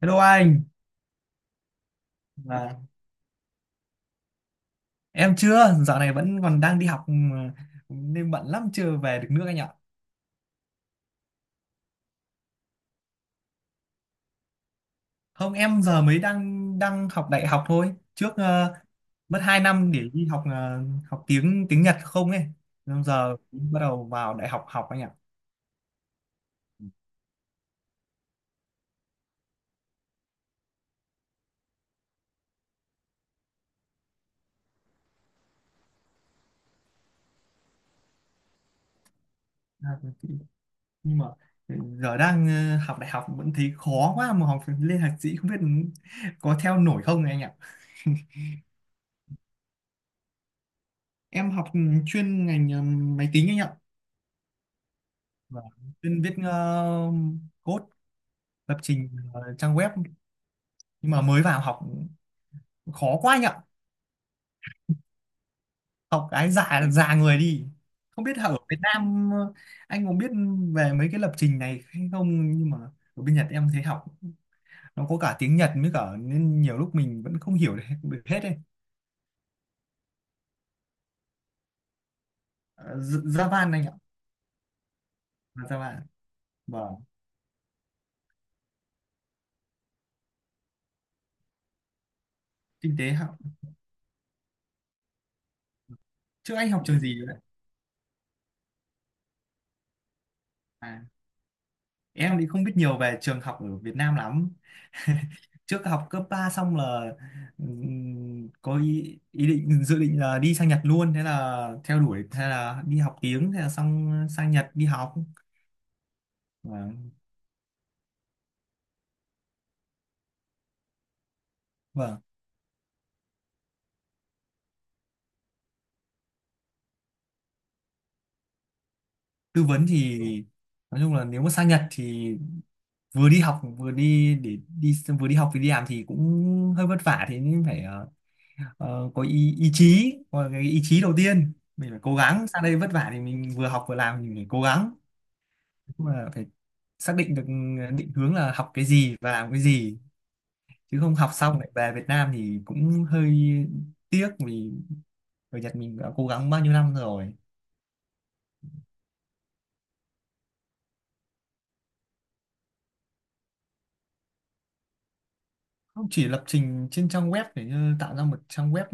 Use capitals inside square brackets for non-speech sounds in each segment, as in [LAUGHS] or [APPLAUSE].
Hello anh. À, em chưa, dạo này vẫn còn đang đi học mà nên bận lắm, chưa về được nước anh ạ. Không, em giờ mới đang đang học đại học thôi. Trước mất 2 năm để đi học, học tiếng tiếng Nhật không ấy. Nên giờ bắt đầu vào đại học học anh ạ. À, nhưng mà giờ đang học đại học vẫn thấy khó quá, mà học lên thạc sĩ không biết có theo nổi không này anh ạ. [LAUGHS] Em học chuyên ngành máy tính anh ạ. Vâng. Chuyên viết code, lập trình trang web, nhưng mà mới vào học khó quá anh ạ, học cái già già người đi. Không biết ở Việt Nam anh có biết về mấy cái lập trình này hay không, nhưng mà ở bên Nhật em thấy học nó có cả tiếng Nhật mới cả nên nhiều lúc mình vẫn không hiểu được được hết ấy. Java anh ạ. À, Java, vâng. Kinh tế học. Trước anh học trường gì rồi đấy? À, em thì không biết nhiều về trường học ở Việt Nam lắm. [LAUGHS] Trước học cấp 3 xong là có ý định, dự định là đi sang Nhật luôn, thế là theo đuổi, thế là đi học tiếng, thế là xong sang Nhật đi học. Vâng, vâng. Tư vấn thì nói chung là nếu mà sang Nhật thì vừa đi học vừa đi làm thì cũng hơi vất vả, thế nhưng phải có cái ý chí đầu tiên, mình phải cố gắng sang đây vất vả thì mình vừa học vừa làm mình phải cố gắng, mà phải xác định được định hướng là học cái gì và làm cái gì, chứ không học xong lại về Việt Nam thì cũng hơi tiếc vì ở Nhật mình đã cố gắng bao nhiêu năm rồi. Không, chỉ lập trình trên trang web để như tạo ra một trang web.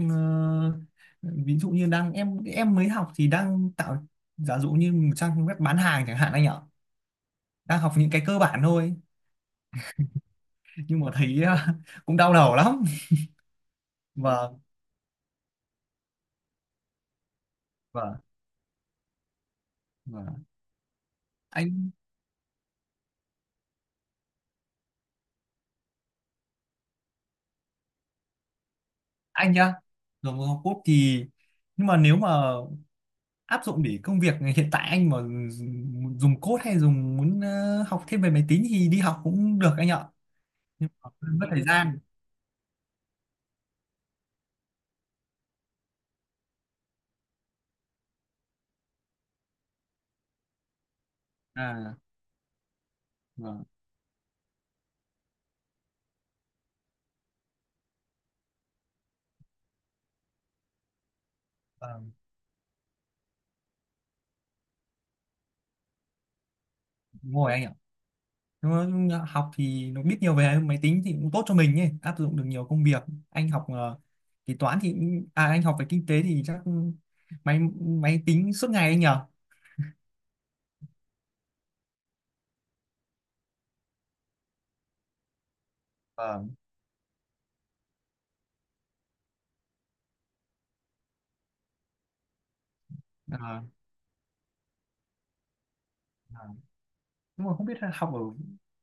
Ờ, Ví dụ như đang em mới học thì đang tạo giả dụ như một trang web bán hàng chẳng hạn anh ạ. Đang học những cái cơ bản thôi, nhưng mà thấy [LAUGHS] cũng đau đầu lắm. Vâng, vâng, vâng. Anh anh nhá, rồi một học code thì, nhưng mà nếu mà áp dụng để công việc hiện tại anh mà dùng dùng code hay dùng muốn học thêm về máy tính thì đi học cũng được anh ạ. Nhưng mà hơi mất thời gian. À, vâng, vâng, đúng rồi anh ạ. Nhưng mà học thì nó biết nhiều về máy tính thì cũng tốt cho mình ấy, áp dụng được nhiều công việc. Anh học ờ, thì toán thì cũng- à Anh học về kinh tế thì chắc máy máy tính suốt ngày anh nhỉ. Vâng. À, nhưng mà không biết là học ở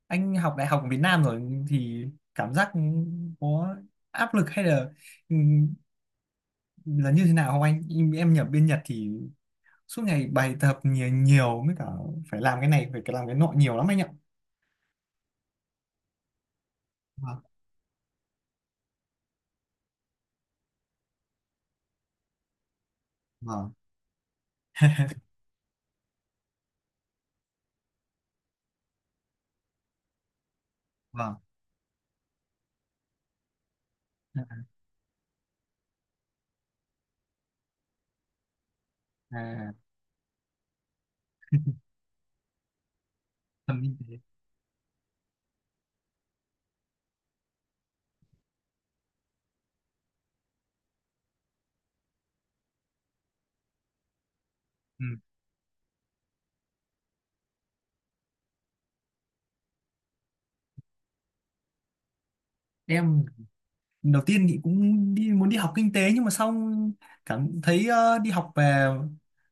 anh học đại học ở Việt Nam rồi thì cảm giác có áp lực, hay ừm, là như thế nào không anh. Em nhập bên Nhật thì suốt ngày bài tập nhiều nhiều mới cả, phải làm cái này phải làm cái nọ nhiều lắm anh ạ. Vâng, vâng, vâng. À, à. Phần kinh tế. Ừ. Em đầu tiên thì cũng muốn đi học kinh tế, nhưng mà sau cảm thấy đi học về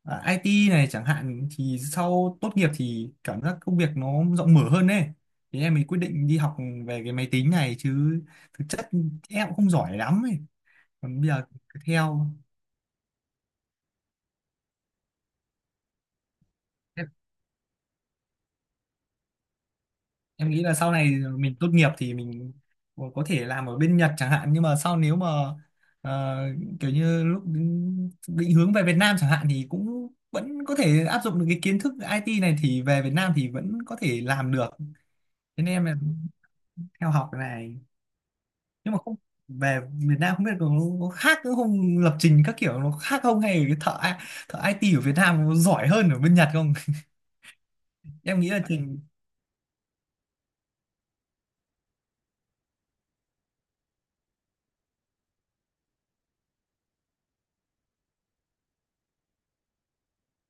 IT này chẳng hạn thì sau tốt nghiệp thì cảm giác công việc nó rộng mở hơn đấy, thế em mới quyết định đi học về cái máy tính này. Chứ thực chất em cũng không giỏi lắm ấy, còn bây giờ cứ theo. Em nghĩ là sau này mình tốt nghiệp thì mình có thể làm ở bên Nhật chẳng hạn, nhưng mà sau nếu mà ờ, kiểu như lúc định định hướng về Việt Nam chẳng hạn thì cũng vẫn có thể áp dụng được cái kiến thức IT này thì về Việt Nam thì vẫn có thể làm được, thế nên em là theo học cái này. Nhưng mà không, về Việt Nam không biết có khác nữa không, lập trình các kiểu nó khác không, hay là cái thợ thợ IT ở Việt Nam nó giỏi hơn ở bên Nhật không. [LAUGHS] Em nghĩ là trình.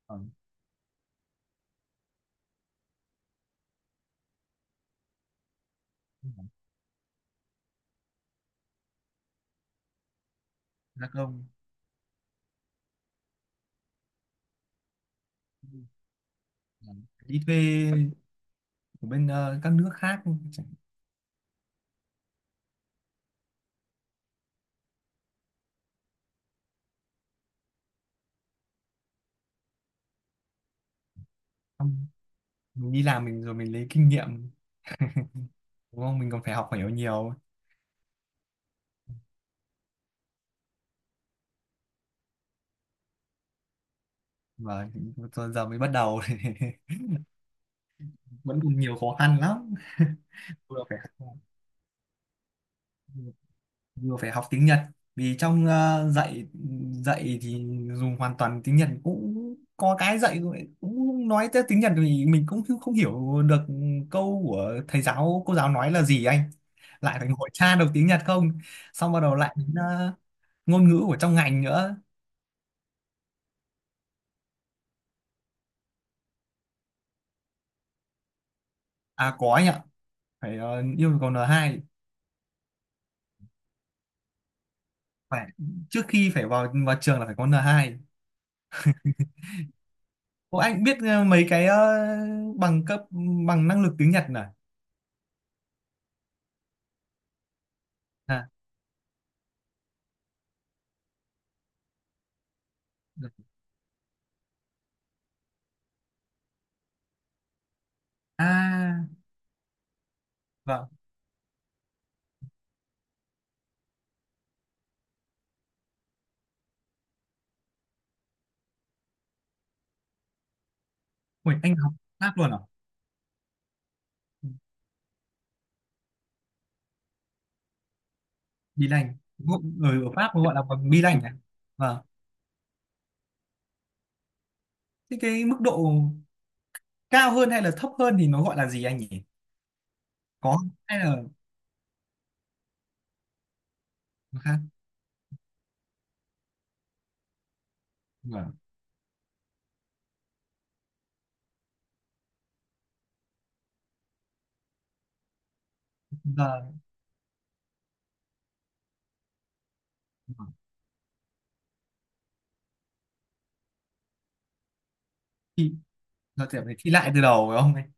Ừ. Là không. Ừ. Đi thuê của bên các nước khác chẳng-. Xong mình đi làm mình rồi mình lấy kinh nghiệm, đúng không, mình còn phải học hiểu nhiều. Và giờ giờ mới bắt đầu. [LAUGHS] Vẫn còn nhiều khó khăn lắm. [LAUGHS] Vừa phải học, vừa phải học tiếng Nhật vì trong dạy dạy thì dùng hoàn toàn tiếng Nhật. Cũng có cái dạy cũng cũng nói tới tiếng Nhật thì mình cũng không không hiểu được câu của thầy giáo cô giáo nói là gì anh, lại phải ngồi tra được tiếng Nhật không, xong bắt đầu lại đến ngôn ngữ của trong ngành nữa. À, có anh ạ, phải yêu cầu N2. Phải trước khi phải vào vào trường là phải có N2. Ô, anh biết mấy cái bằng cấp bằng năng lực tiếng Nhật này. À, được. À, vâng. Ui, anh học Pháp luôn à? Bi lành. Người ở Pháp gọi là bằng bi lành này. Vâng. Thế cái mức độ cao hơn hay là thấp hơn thì nó gọi là gì anh nhỉ? Có, hay là nó khác? Vâng. Giờ thì giờ thì phải thi lại từ đầu phải không anh?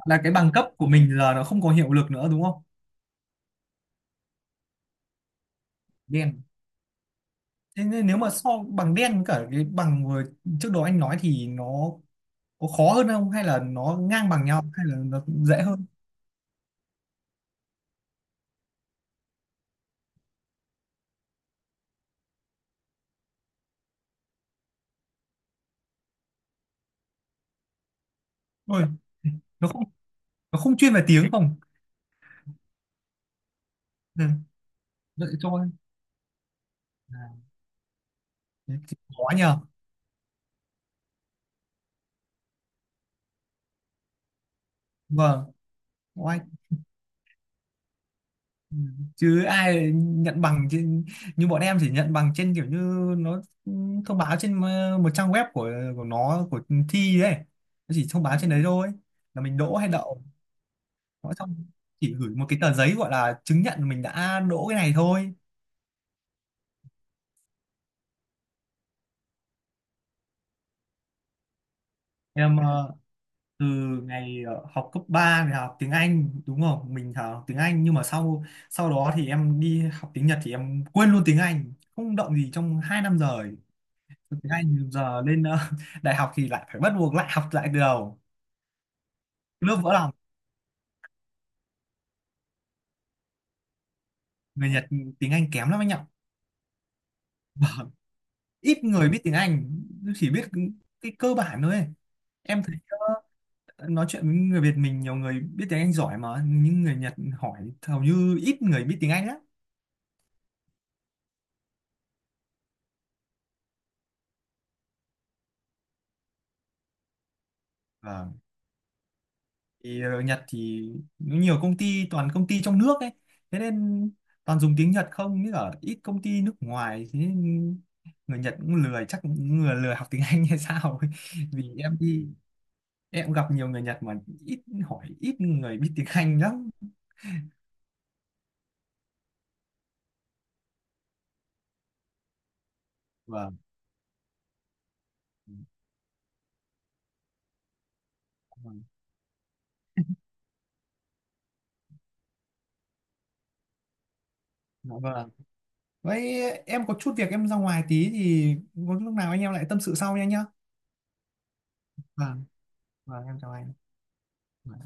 [LAUGHS] Là cái bằng cấp của mình giờ nó không có hiệu lực nữa đúng không? Đen, thế nên nếu mà so bằng đen với cả cái bằng vừa trước đó anh nói thì nó có khó hơn không, hay là nó ngang bằng nhau, hay là nó dễ hơn. Ôi. Nó không nó không chuyên về tiếng không. Ừ. Vậy cho anh. À, thế thì khó nhờ. Vâng. Oai. Ừ. Chứ ai nhận bằng trên, như bọn em chỉ nhận bằng trên kiểu như nó thông báo trên một trang web của thi đấy. Nó chỉ thông báo trên đấy thôi là mình đỗ hay đậu. Nói xong chỉ gửi một cái tờ giấy gọi là chứng nhận mình đã đỗ cái này thôi. Em từ ngày học cấp 3 thì học tiếng Anh đúng không, mình học tiếng Anh, nhưng mà sau sau đó thì em đi học tiếng Nhật thì em quên luôn tiếng Anh, không động gì trong 2 năm rồi. Tiếng Anh giờ lên [LAUGHS] đại học thì lại phải bắt buộc lại học lại từ đầu, lớp vỡ lòng. Người Nhật tiếng Anh kém lắm anh ạ. [LAUGHS] Vâng. Ít người biết tiếng Anh, chỉ biết cái cơ bản thôi ấy. Em thấy nói chuyện với người Việt mình nhiều người biết tiếng Anh giỏi, mà những người Nhật hỏi hầu như ít người biết tiếng Anh lắm. Vâng. Thì ở Nhật thì nó nhiều công ty toàn công ty trong nước ấy, thế nên toàn dùng tiếng Nhật, không như ở ít công ty nước ngoài, thế nên người Nhật cũng lười, chắc cũng người lười học tiếng Anh hay sao ấy. [LAUGHS] Vì em đi em gặp nhiều người Nhật mà ít, hỏi ít người biết tiếng Anh lắm. Vâng, vâng. Dạ vâng. Vậy em có chút việc em ra ngoài tí thì có lúc nào anh em lại tâm sự sau nha anh nhá. Vâng, vâng em chào anh. Dạ.